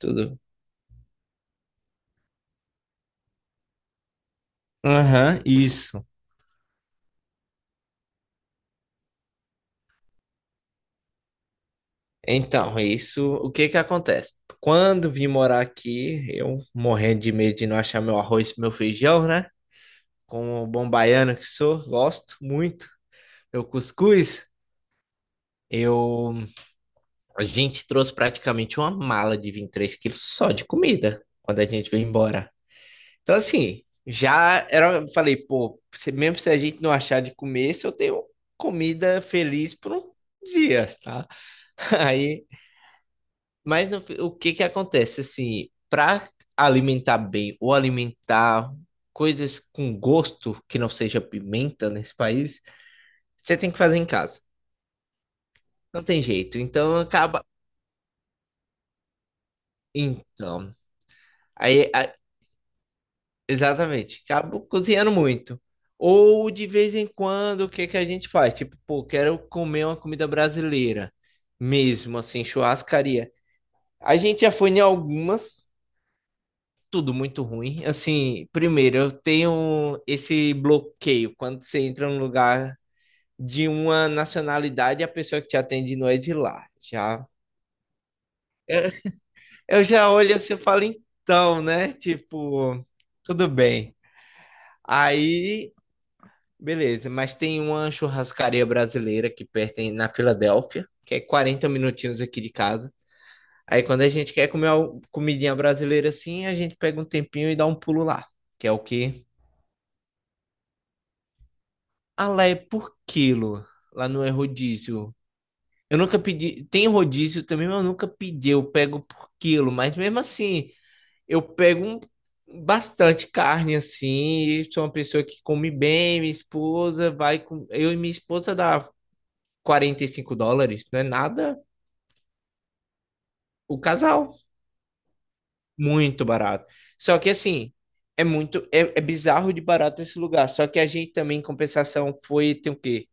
Tudo. Aham, isso. Então, isso, o que que acontece? Quando vim morar aqui, eu morrendo de medo de não achar meu arroz e meu feijão, né? Como bom baiano que sou, gosto muito. Meu cuscuz, eu... a gente trouxe praticamente uma mala de 23 quilos só de comida quando a gente veio embora. Então, assim, eu falei, pô, mesmo se a gente não achar de comer, se eu tenho comida feliz por um dia, tá? Aí... Mas no fi- o que que acontece assim, para alimentar bem ou alimentar coisas com gosto que não seja pimenta nesse país, você tem que fazer em casa. Não tem jeito. Então acaba então, aí a- exatamente, acabo cozinhando muito. Ou de vez em quando, o que que a gente faz? Tipo, pô, quero comer uma comida brasileira mesmo assim, churrascaria. A gente já foi em algumas. Tudo muito ruim. Assim, primeiro, eu tenho esse bloqueio quando você entra num lugar de uma nacionalidade e a pessoa que te atende não é de lá. Já, eu já olho assim e falo, então, né? Tipo, tudo bem. Aí, beleza, mas tem uma churrascaria brasileira que pertence na Filadélfia, que é 40 minutinhos aqui de casa. Aí, quando a gente quer comer uma comidinha brasileira assim, a gente pega um tempinho e dá um pulo lá, que é o que ah, lá é por quilo. Lá não é rodízio. Eu nunca pedi. Tem rodízio também, mas eu nunca pedi. Eu pego por quilo. Mas mesmo assim, eu pego um- bastante carne assim. Sou uma pessoa que come bem. Minha esposa vai com. Eu e minha esposa dá US$ 45. Não é nada. O casal. Muito barato. Só que assim. É muito, é bizarro de barato esse lugar. Só que a gente também, em compensação, foi, tem o quê?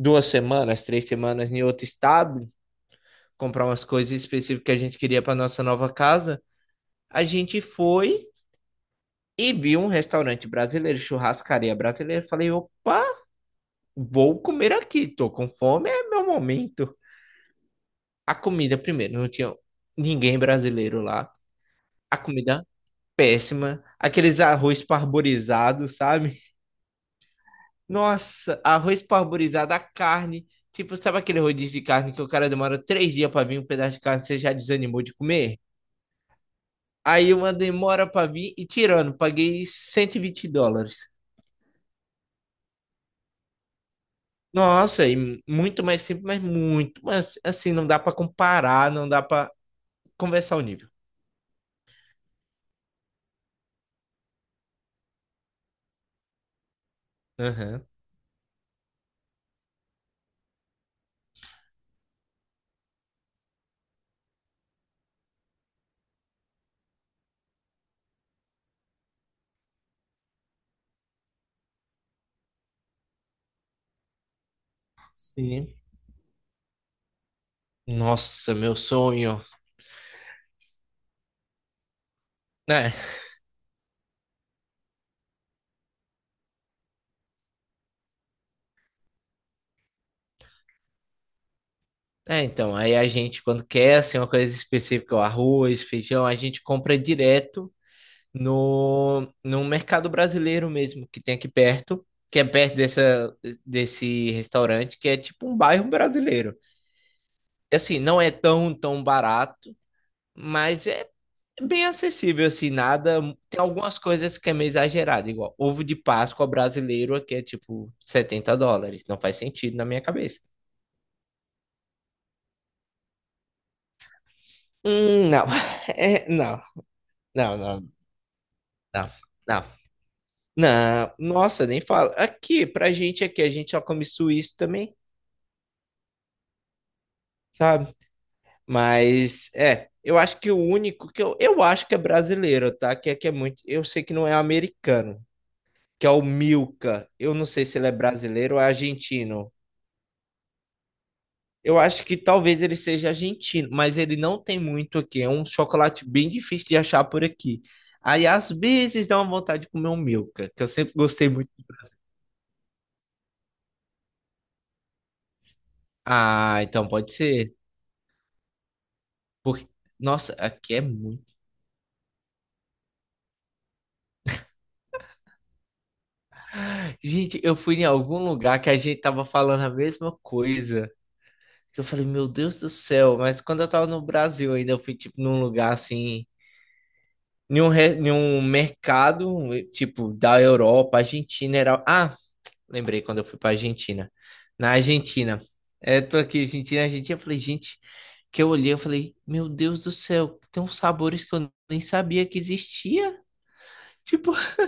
2 semanas, 3 semanas em outro estado, comprar umas coisas específicas que a gente queria para nossa nova casa. A gente foi e viu um restaurante brasileiro, churrascaria brasileira. Falei, opa, vou comer aqui, tô com fome, é meu momento. A comida, primeiro, não tinha ninguém brasileiro lá. A comida péssima, aqueles arroz parborizado, sabe? Nossa, arroz parborizado, a carne. Tipo, sabe aquele rodízio de carne que o cara demora 3 dias para vir um pedaço de carne, você já desanimou de comer? Aí uma demora pra vir e tirando, paguei US$ 120. Nossa, e muito mais simples, mas muito, mas assim, não dá pra comparar, não dá pra conversar o nível. Aham. Sim. Nossa, meu sonho. É, então, aí a gente, quando quer, assim, uma coisa específica, o arroz, feijão, a gente compra direto no mercado brasileiro mesmo, que tem aqui perto, que é perto dessa, desse restaurante, que é tipo um bairro brasileiro. Assim, não é tão, tão barato, mas é bem acessível, assim, nada. Tem algumas coisas que é meio exagerado, igual ovo de Páscoa brasileiro aqui é tipo US$ 70. Não faz sentido na minha cabeça. Não. É, não, não, não, não, não. Não, nossa, nem fala. Aqui, pra gente aqui, a gente só come suíço também, sabe? Mas, é, eu acho que o único que eu acho que é brasileiro, tá? Que aqui é muito, eu sei que não é americano, que é o Milka. Eu não sei se ele é brasileiro ou é argentino. Eu acho que talvez ele seja argentino, mas ele não tem muito aqui. É um chocolate bem difícil de achar por aqui. Aí às vezes dá uma vontade de comer um Milka, que eu sempre gostei muito. Ah, então pode ser. Porque, nossa, aqui é muito. Gente, eu fui em algum lugar que a gente tava falando a mesma coisa. Que eu falei, meu Deus do céu, mas quando eu tava no Brasil ainda, eu fui tipo num lugar assim em um mercado, tipo, da Europa, Argentina era. Ah, lembrei quando eu fui pra Argentina. Na Argentina. É, tô aqui, Argentina, Argentina. Eu falei, gente, que eu olhei, eu falei, meu Deus do céu, tem uns sabores que eu nem sabia que existia. Tipo,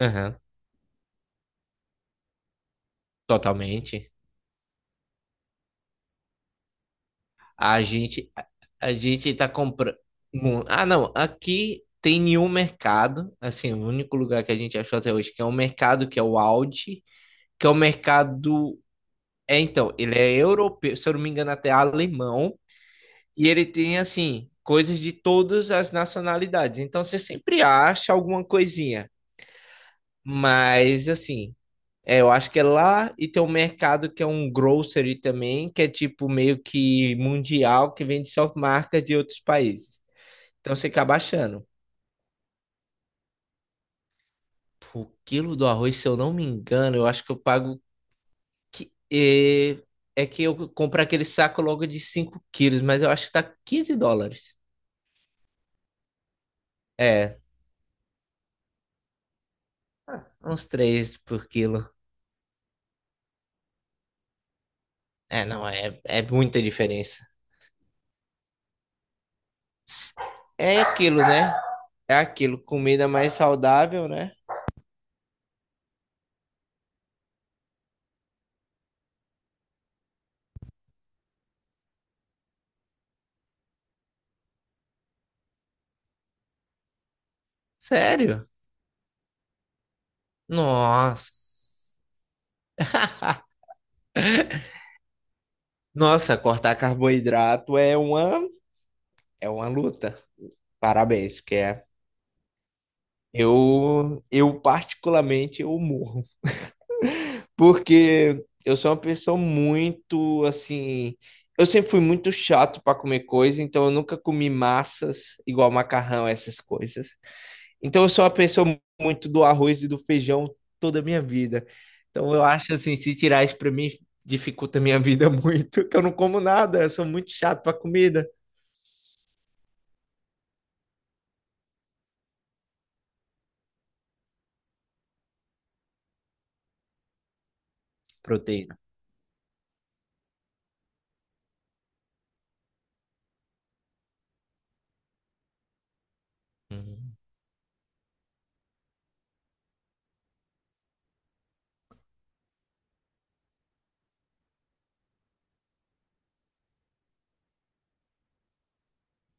aham, totalmente. A gente, a a gente tá comprando. Ah, não, aqui tem nenhum mercado. Assim, o único lugar que a gente achou até hoje que é um mercado que é o Aldi, que é o mercado. É, então, ele é europeu, se eu não me engano, até alemão, e ele tem, assim, coisas de todas as nacionalidades. Então, você sempre acha alguma coisinha. Mas, assim, é, eu acho que é lá, e tem um mercado que é um grocery também, que é tipo meio que mundial, que vende só marcas de outros países. Então, você acaba achando. O quilo do arroz, se eu não me engano, eu acho que eu pago. É, é que eu compro aquele saco logo de 5 quilos, mas eu acho que tá US$ 15. É, uns 3 por quilo. É, não, é muita diferença. É aquilo, né? É aquilo, comida mais saudável, né? Sério? Nossa. Nossa, cortar carboidrato é uma luta. Parabéns, porque eu particularmente eu morro. Porque eu sou uma pessoa muito assim. Eu sempre fui muito chato para comer coisa, então eu nunca comi massas, igual macarrão, essas coisas. Então eu sou uma pessoa muito do arroz e do feijão toda a minha vida. Então eu acho assim, se tirar isso para mim, dificulta a minha vida muito, que eu não como nada, eu sou muito chato para comida. Proteína. Uhum.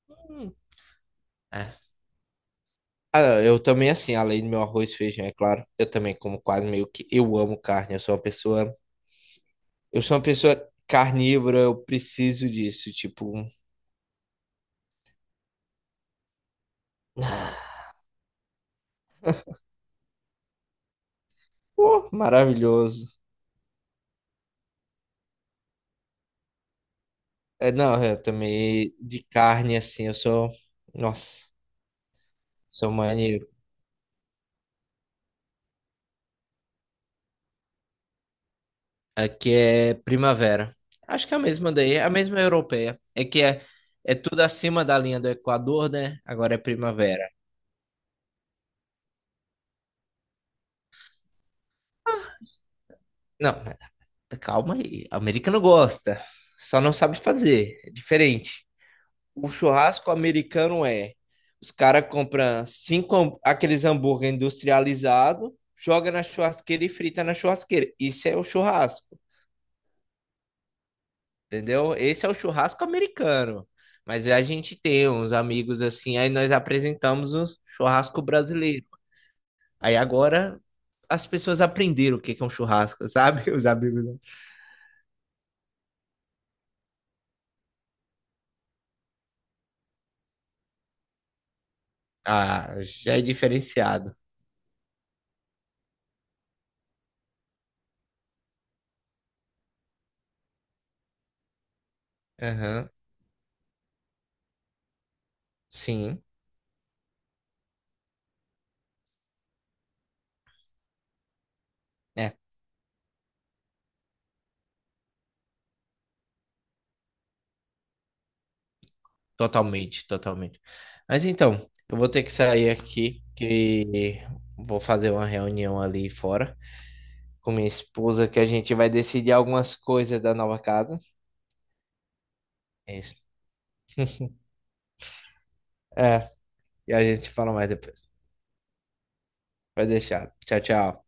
Hum. É. Ah, eu também, assim, além do meu arroz e feijão, é claro, eu também como quase meio que. Eu amo carne, eu sou uma pessoa carnívora, eu preciso disso, tipo, pô, maravilhoso. É, não, eu também de carne assim, eu sou, nossa, sou maníaco. Aqui é primavera. Acho que é a mesma daí, é a mesma europeia. É que é tudo acima da linha do Equador, né? Agora é primavera. Ah, não, mas calma aí. A América não gosta, só não sabe fazer, é diferente. O churrasco americano é, os caras compram cinco aqueles hambúrguer industrializado, joga na churrasqueira e frita na churrasqueira. Isso é o churrasco, entendeu? Esse é o churrasco americano. Mas a gente tem uns amigos assim, aí nós apresentamos o churrasco brasileiro. Aí agora as pessoas aprenderam o que que é um churrasco, sabe? Os amigos. Ah, já é diferenciado. Aham, sim. É, totalmente, totalmente. Mas então, eu vou ter que sair aqui, que vou fazer uma reunião ali fora com minha esposa, que a gente vai decidir algumas coisas da nova casa. É isso. É, e a gente se fala mais depois. Vai deixar. Tchau, tchau.